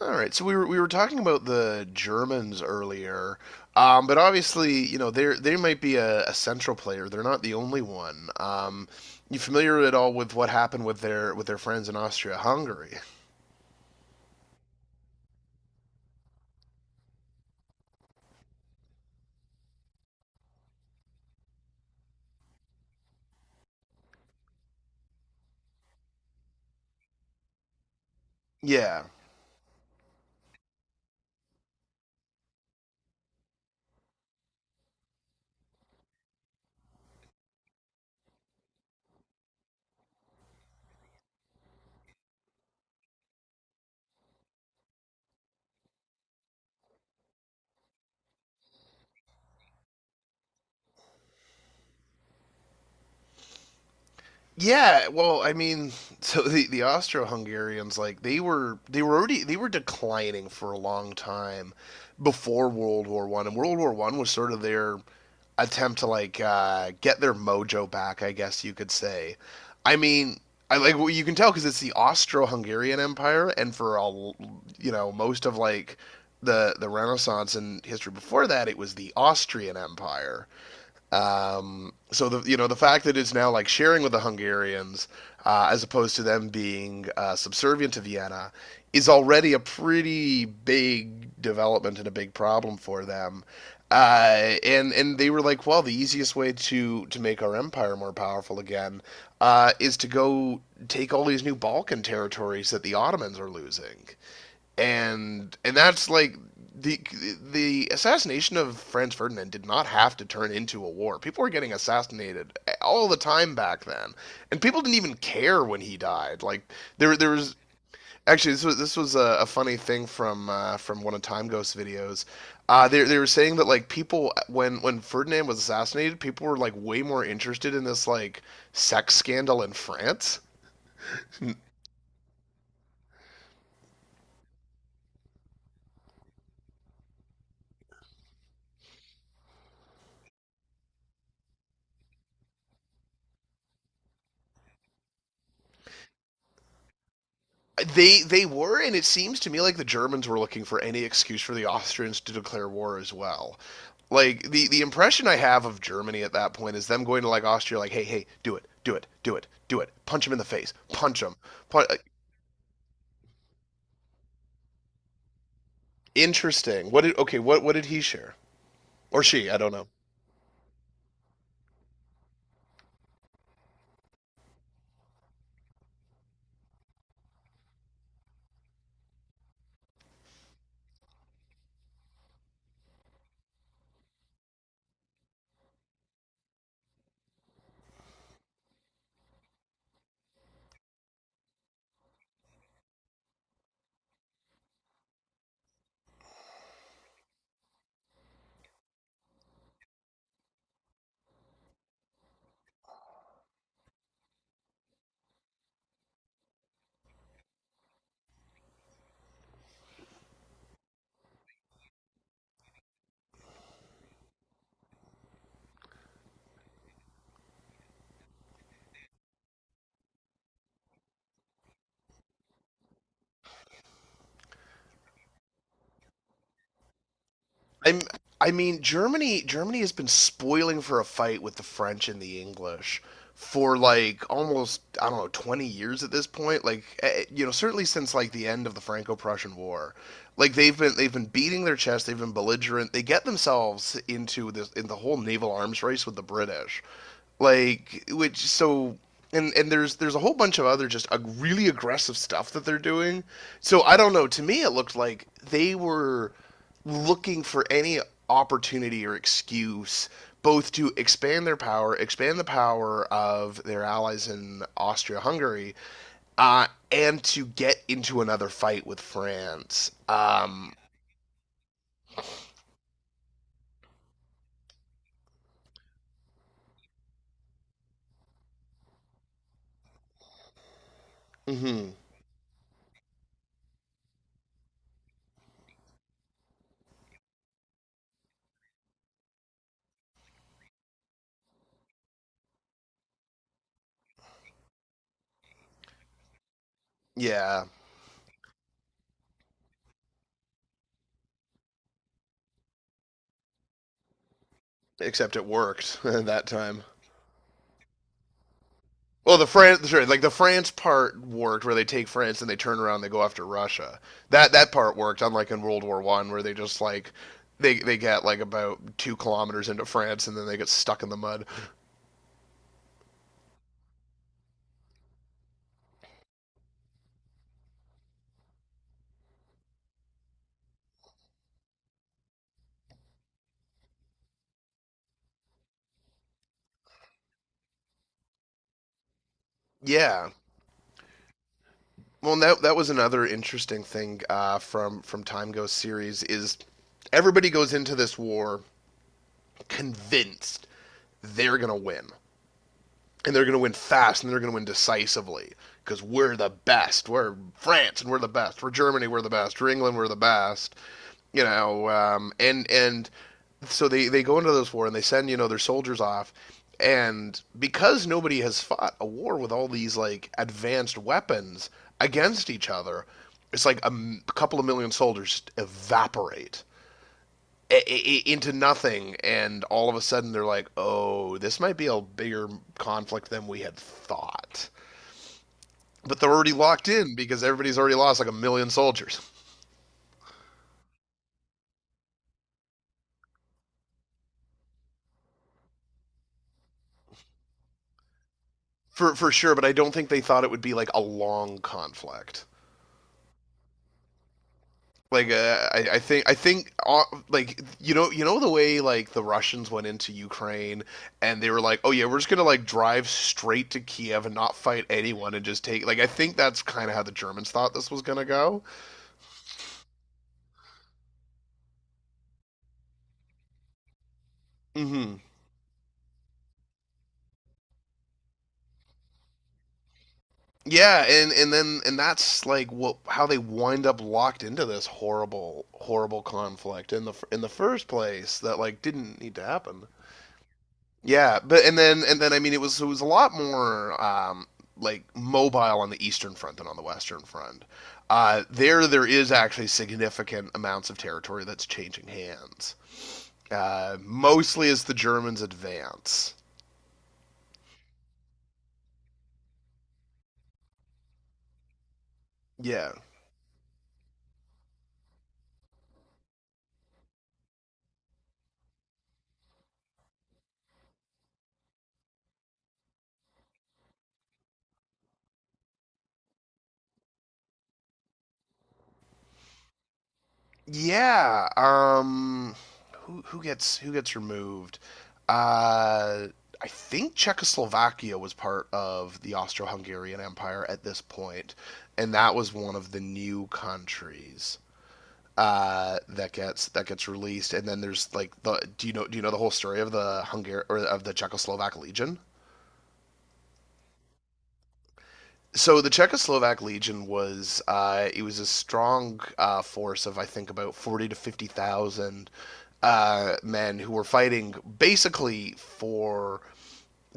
All right, so we were talking about the Germans earlier, but obviously, you know, they might be a central player. They're not the only one. You familiar at all with what happened with their friends in Austria-Hungary? Yeah. Yeah, well, I mean, so the Austro-Hungarians, like they were declining for a long time before World War I, and World War I was sort of their attempt to, like, get their mojo back, I guess you could say. I mean, I like well, you can tell because it's the Austro-Hungarian Empire, and for all you know, most of, like, the Renaissance and history before that, it was the Austrian Empire. So the you know the fact that it's now, like, sharing with the Hungarians, as opposed to them being, subservient to Vienna, is already a pretty big development and a big problem for them. And they were like, well, the easiest way to make our empire more powerful again, is to go take all these new Balkan territories that the Ottomans are losing, and that's like the the assassination of Franz Ferdinand did not have to turn into a war. People were getting assassinated all the time back then, and people didn't even care when he died. Like, there was actually, this was a funny thing from, from one of Time Ghost's videos. They were saying that, like, people, when Ferdinand was assassinated, people were, like, way more interested in this, like, sex scandal in France. They were, and it seems to me like the Germans were looking for any excuse for the Austrians to declare war as well. Like, the impression I have of Germany at that point is them going to, like, Austria, like, hey, hey, do it, do it, do it, do it, punch him in the face, punch him. Punch. Interesting. What did Okay? What did he share, or she? I don't know. I'm. I mean, Germany has been spoiling for a fight with the French and the English for, like, almost, I don't know, 20 years at this point. Like, you know, certainly since, like, the end of the Franco-Prussian War, like, they've been beating their chest. They've been belligerent. They get themselves into this, in the whole naval arms race with the British, like, which, so. And there's a whole bunch of other just really aggressive stuff that they're doing. So I don't know. To me, it looked like they were looking for any opportunity or excuse, both to expand their power, expand the power of their allies in Austria Hungary, and to get into another fight with France. Mhm, yeah, except it worked that time. Well, the France, sure, like the France part worked, where they take France and they turn around, and they go after Russia. That part worked, unlike in World War I, where they just, like, they get like about 2 kilometers into France, and then they get stuck in the mud. Yeah. Well, that was another interesting thing, from Time Ghost series is everybody goes into this war convinced they're gonna win. And they're going to win fast, and they're going to win decisively, because we're the best. We're France and we're the best. We're Germany, we're the best. We're England, we're the best. You know, and so they go into those war and they send, their soldiers off, and because nobody has fought a war with all these, like, advanced weapons against each other, it's like a couple of million soldiers evaporate into nothing, and all of a sudden they're like, "Oh, this might be a bigger conflict than we had thought." But they're already locked in because everybody's already lost, like, a million soldiers, for sure. But I don't think they thought it would be, like, a long conflict. Like, I think, like, you know, the way, like, the Russians went into Ukraine and they were like, oh yeah, we're just gonna, like, drive straight to Kiev and not fight anyone and just take, like, I think that's kind of how the Germans thought this was gonna go. Hmm. Yeah, and then and that's, like, what, how they wind up locked into this horrible, horrible conflict in in the first place, that, like, didn't need to happen. Yeah, but and then, I mean, it was, it was a lot more, like, mobile on the eastern front than on the western front. There is actually significant amounts of territory that's changing hands. Mostly as the Germans advance. Yeah, yeah. Who gets removed? Uh, I think Czechoslovakia was part of the Austro-Hungarian Empire at this point, and that was one of the new countries, that gets released. And then there's, like, the do you know, the whole story of the Hungar or of the Czechoslovak Legion? So the Czechoslovak Legion was it was a strong, force of, I think, about forty to fifty thousand men who were fighting basically for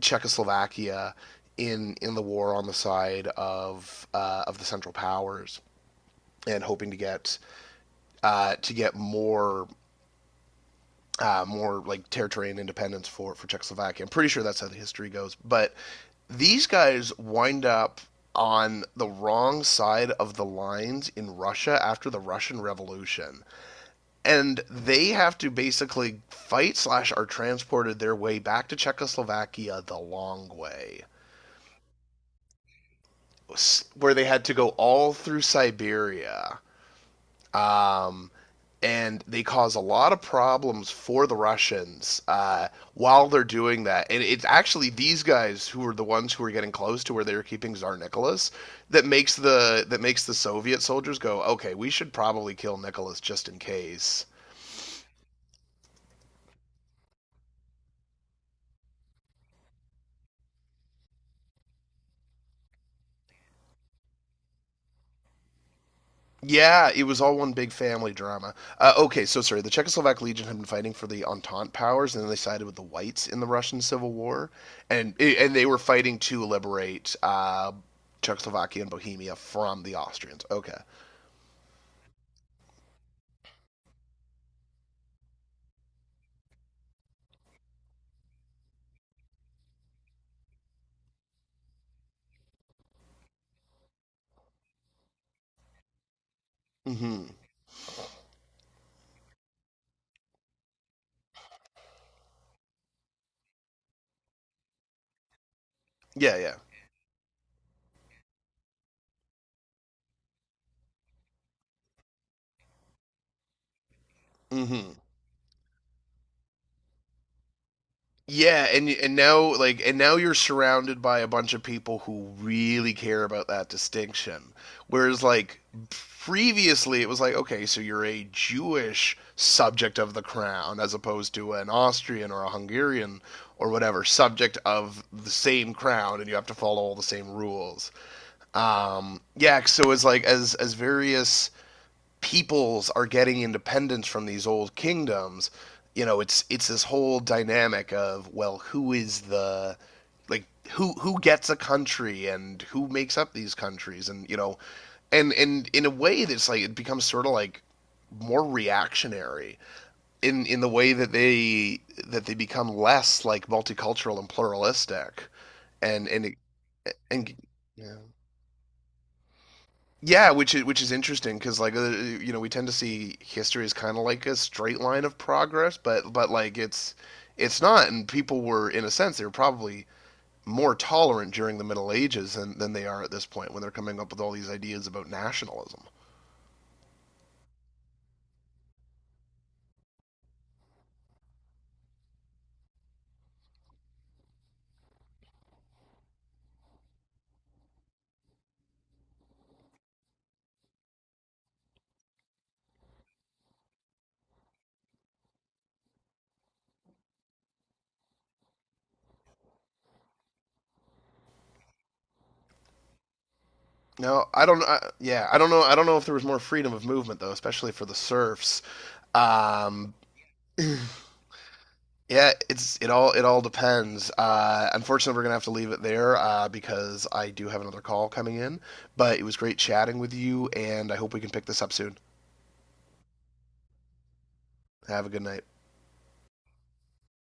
Czechoslovakia in the war, on the side of, of the Central Powers, and hoping to get, to get more, more like, territory and independence for Czechoslovakia. I'm pretty sure that's how the history goes. But these guys wind up on the wrong side of the lines in Russia after the Russian Revolution, and they have to basically fight slash are transported their way back to Czechoslovakia the long way, where they had to go all through Siberia. Um, and they cause a lot of problems for the Russians, while they're doing that. And it's actually these guys who are the ones who are getting close to where they were keeping Tsar Nicholas, that makes the Soviet soldiers go, okay, we should probably kill Nicholas just in case. Yeah, it was all one big family drama. Okay, so sorry. The Czechoslovak Legion had been fighting for the Entente powers, and then they sided with the Whites in the Russian Civil War, and they were fighting to liberate, Czechoslovakia and Bohemia from the Austrians. Okay. Mm-hmm. Yeah, yeah. Mm-hmm. Yeah, and now you're surrounded by a bunch of people who really care about that distinction. Whereas, like, previously it was like, okay, so you're a Jewish subject of the crown, as opposed to an Austrian or a Hungarian or whatever subject of the same crown, and you have to follow all the same rules. Yeah, so it's like, as various peoples are getting independence from these old kingdoms, it's this whole dynamic of, well, who is the like who gets a country and who makes up these countries, and you know and in a way that's, like, it becomes sort of, like, more reactionary, in the way that they, that they become less, like, multicultural and pluralistic, and and it, and yeah, yeah, which is interesting, because, like, you know, we tend to see history as kind of like a straight line of progress, but, like, it's not, and people were, in a sense, they were probably more tolerant during the Middle Ages than they are at this point, when they're coming up with all these ideas about nationalism. No, I don't. Yeah, I don't know. I don't know if there was more freedom of movement though, especially for the serfs. Um, Yeah, it all depends. Unfortunately, we're gonna have to leave it there, because I do have another call coming in. But it was great chatting with you, and I hope we can pick this up soon. Have a good night.